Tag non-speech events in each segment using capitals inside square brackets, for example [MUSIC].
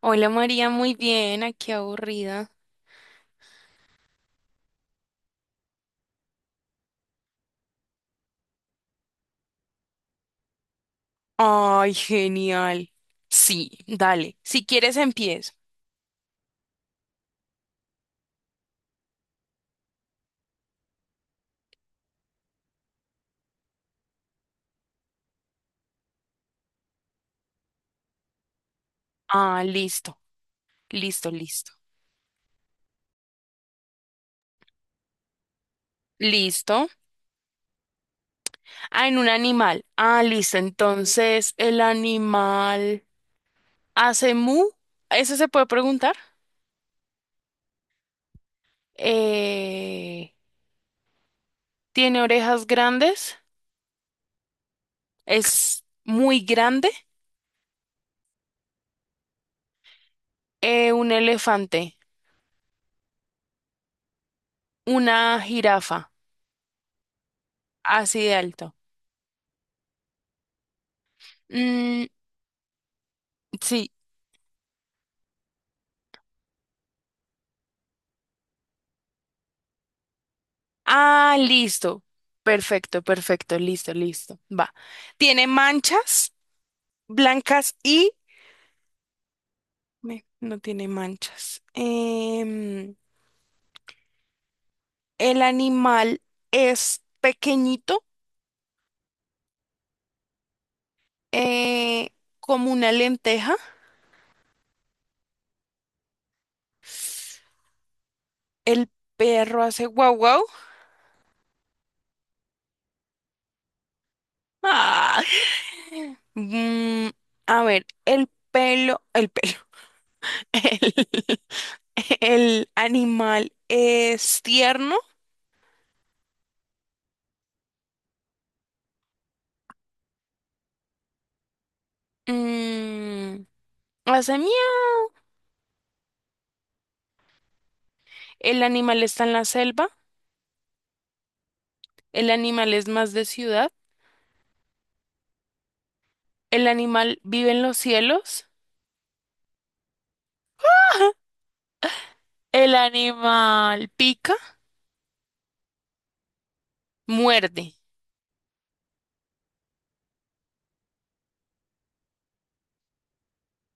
Hola María, muy bien, aquí aburrida. Ay, genial. Sí, dale. Si quieres empiezo. Ah, listo, listo, listo. Listo. Ah, en un animal. Ah, listo. Entonces, ¿el animal hace mu? ¿Eso se puede preguntar? Eh, ¿Tiene orejas grandes? ¿Es muy grande? Un elefante, una jirafa, así de alto. Mm, sí. Ah, listo. Perfecto, perfecto, listo, listo. Va. ¿Tiene manchas blancas y... No tiene manchas. El animal es pequeñito, eh, como una lenteja. El perro hace guau guau. Ah. [LAUGHS] Mm, a ver, [LAUGHS] el, el animal es tierno. Mm, hace miau. El animal está en la selva, el animal es más de ciudad, el animal vive en los cielos, el animal pica, muerde,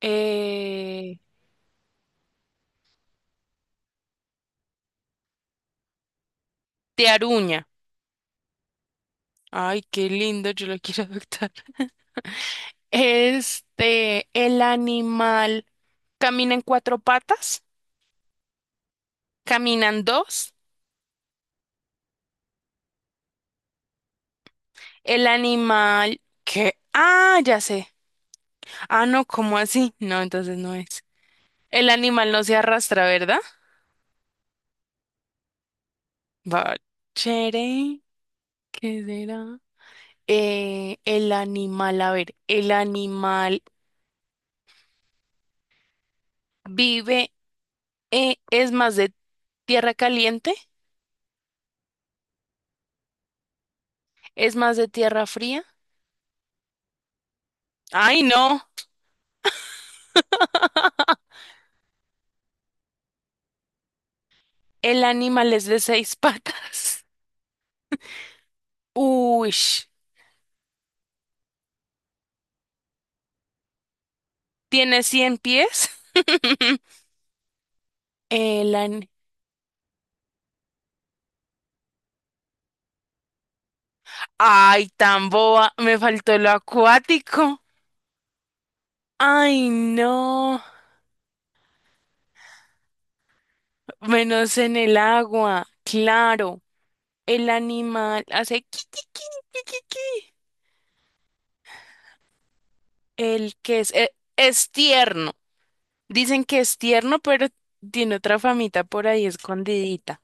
eh, te aruña. Ay, qué lindo, yo lo quiero [LAUGHS] adoptar. Este, el animal camina en cuatro patas, caminan dos, el animal que, ah, ya sé. Ah, no, ¿cómo así? No, entonces no es. El animal no se arrastra, ¿verdad? Va, chere, ¿qué será? El animal, a ver, el animal vive, es más de tierra caliente, es más de tierra fría. Ay, no, el animal es de seis [LAUGHS] patas. Uy, tiene cien pies. El an- Ay, tan boba, me faltó lo acuático. Ay, no, menos en el agua, claro. El animal hace qui, qui, qui, qui, qui, qui. El que es, es tierno. Dicen que es tierno, pero tiene otra famita por ahí escondidita,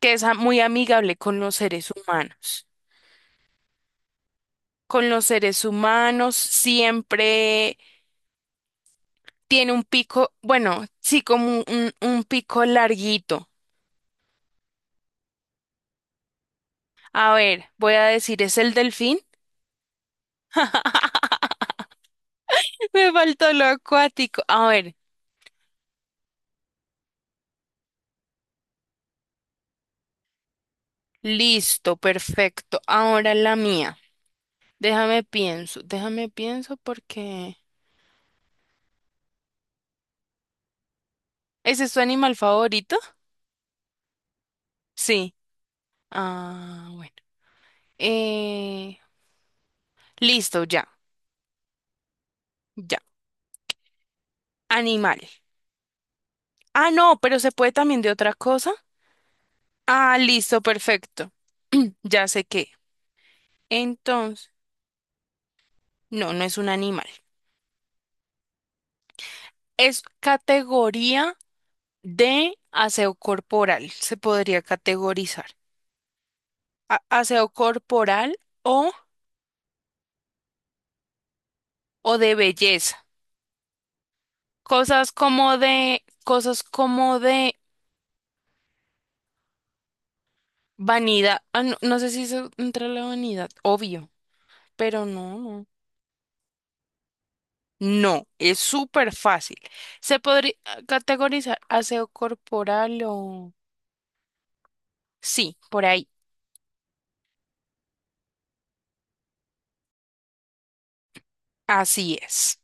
que es muy amigable con los seres humanos. Con los seres humanos siempre tiene un pico, bueno, sí, como un pico larguito. A ver, voy a decir, ¿es el delfín? [LAUGHS] Me faltó lo acuático. A ver, listo, perfecto. Ahora la mía. Déjame pienso porque... ¿Ese es tu animal favorito? Sí. Ah, bueno. Eh, Listo, ya, ya. Animal. Ah, no, pero se puede también de otra cosa. Ah, listo, perfecto. [CLEARS THROAT] Ya sé qué. Entonces, no, no es un animal. Es categoría de aseo corporal. Se podría categorizar. Aseo corporal o, o de belleza. Cosas como de vanidad. Ah, no, no sé si se entra en la vanidad, obvio, pero no, no. No, es súper fácil. ¿Se podría categorizar aseo corporal o...? Sí, por ahí. Así es.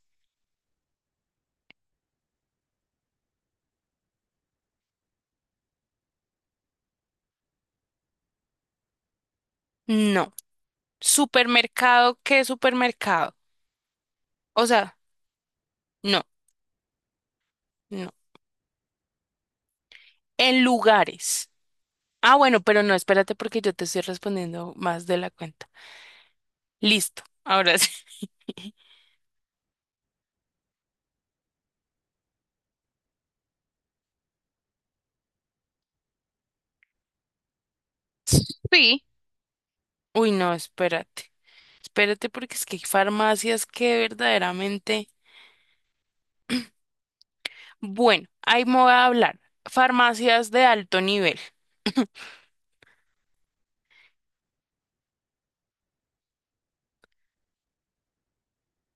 No. ¿Supermercado qué supermercado? O sea, no, no. En lugares. Ah, bueno, pero no, espérate porque yo te estoy respondiendo más de la cuenta. Listo, ahora sí. [LAUGHS] Sí. Uy, no, espérate. Espérate porque es que hay farmacias que verdaderamente... Bueno, ahí me voy a hablar. Farmacias de alto nivel.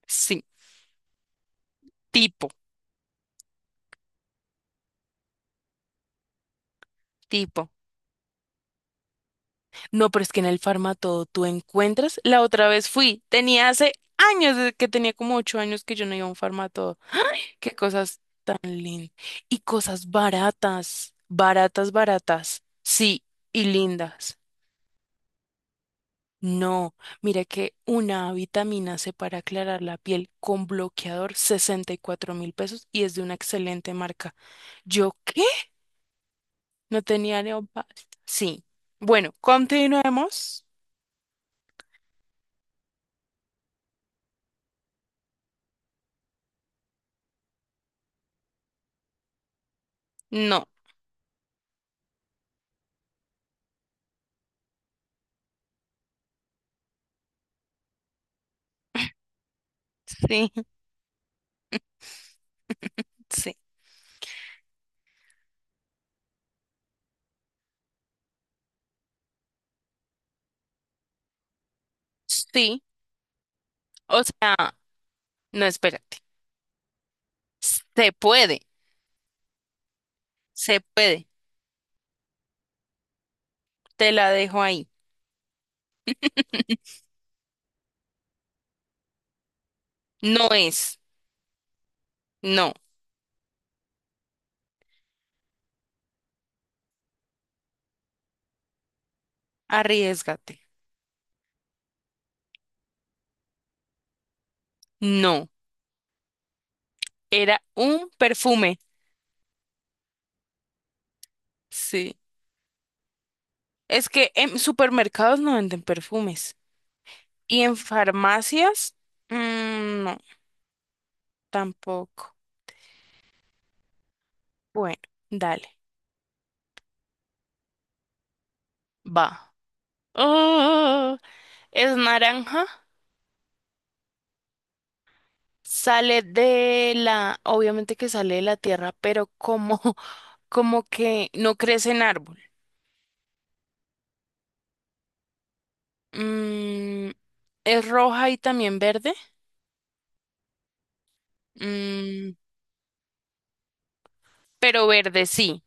Sí, tipo, tipo. No, pero es que en el Farmatodo tú encuentras. La otra vez fui, tenía hace años, desde que tenía como 8 años que yo no iba a un Farmatodo. Qué cosas tan lindas. Y cosas baratas, baratas, baratas. Sí, y lindas. No, mira que una vitamina C para aclarar la piel con bloqueador, $64.000 y es de una excelente marca. ¿Yo qué? No tenía neopasta. Sí. Bueno, continuemos. No. Sí, sí, sí. O sea, no, espérate. Se puede, se puede. Te la dejo ahí. No es, no. Arriesgate. No. Era un perfume. Sí. Es que en supermercados no venden perfumes. Y en farmacias, mm, no, tampoco. Bueno, dale. Va. Oh, es naranja. Obviamente que sale de la tierra, pero como [LAUGHS] como que no crece en árbol. Mm, es roja y también verde. Mm, pero verde, sí.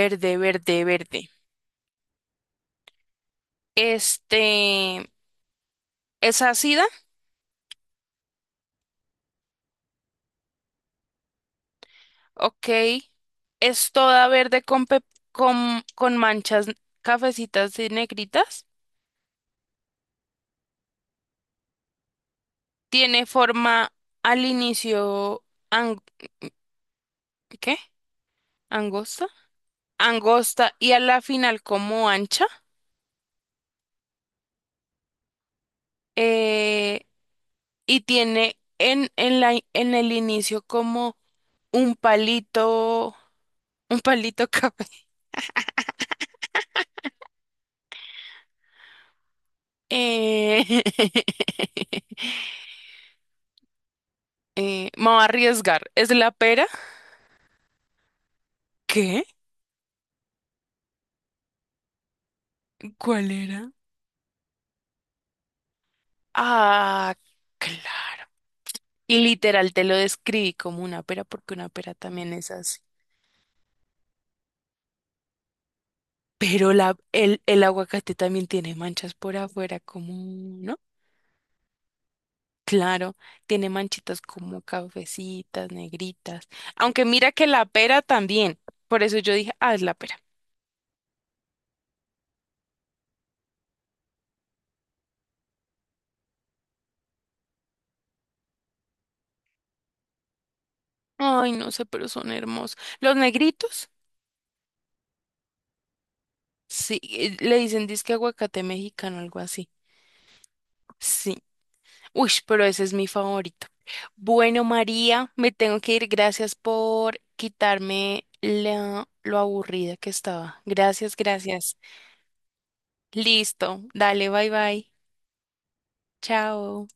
Verde, verde, verde. Este, es ácida, ok. Es toda verde con manchas cafecitas y negritas. Tiene forma al inicio, ang- ¿qué? ¿Angosta? Angosta y a la final como ancha. Eh, y tiene en el inicio como un palito, un palito café. [LAUGHS] Eh, [LAUGHS] me voy a arriesgar. ¿Es la pera? ¿Qué? ¿Cuál era? Ah, claro. Y literal te lo describí como una pera porque una pera también es así. Pero el aguacate también tiene manchas por afuera, como, ¿no? Claro, tiene manchitas como cafecitas, negritas. Aunque mira que la pera también. Por eso yo dije, ah, es la pera. Ay, no sé, pero son hermosos. Los negritos, sí, le dicen disque aguacate mexicano, algo así. Sí. Uy, pero ese es mi favorito. Bueno, María, me tengo que ir. Gracias por quitarme lo aburrida que estaba. Gracias, gracias. Listo. Dale, bye bye. Chao.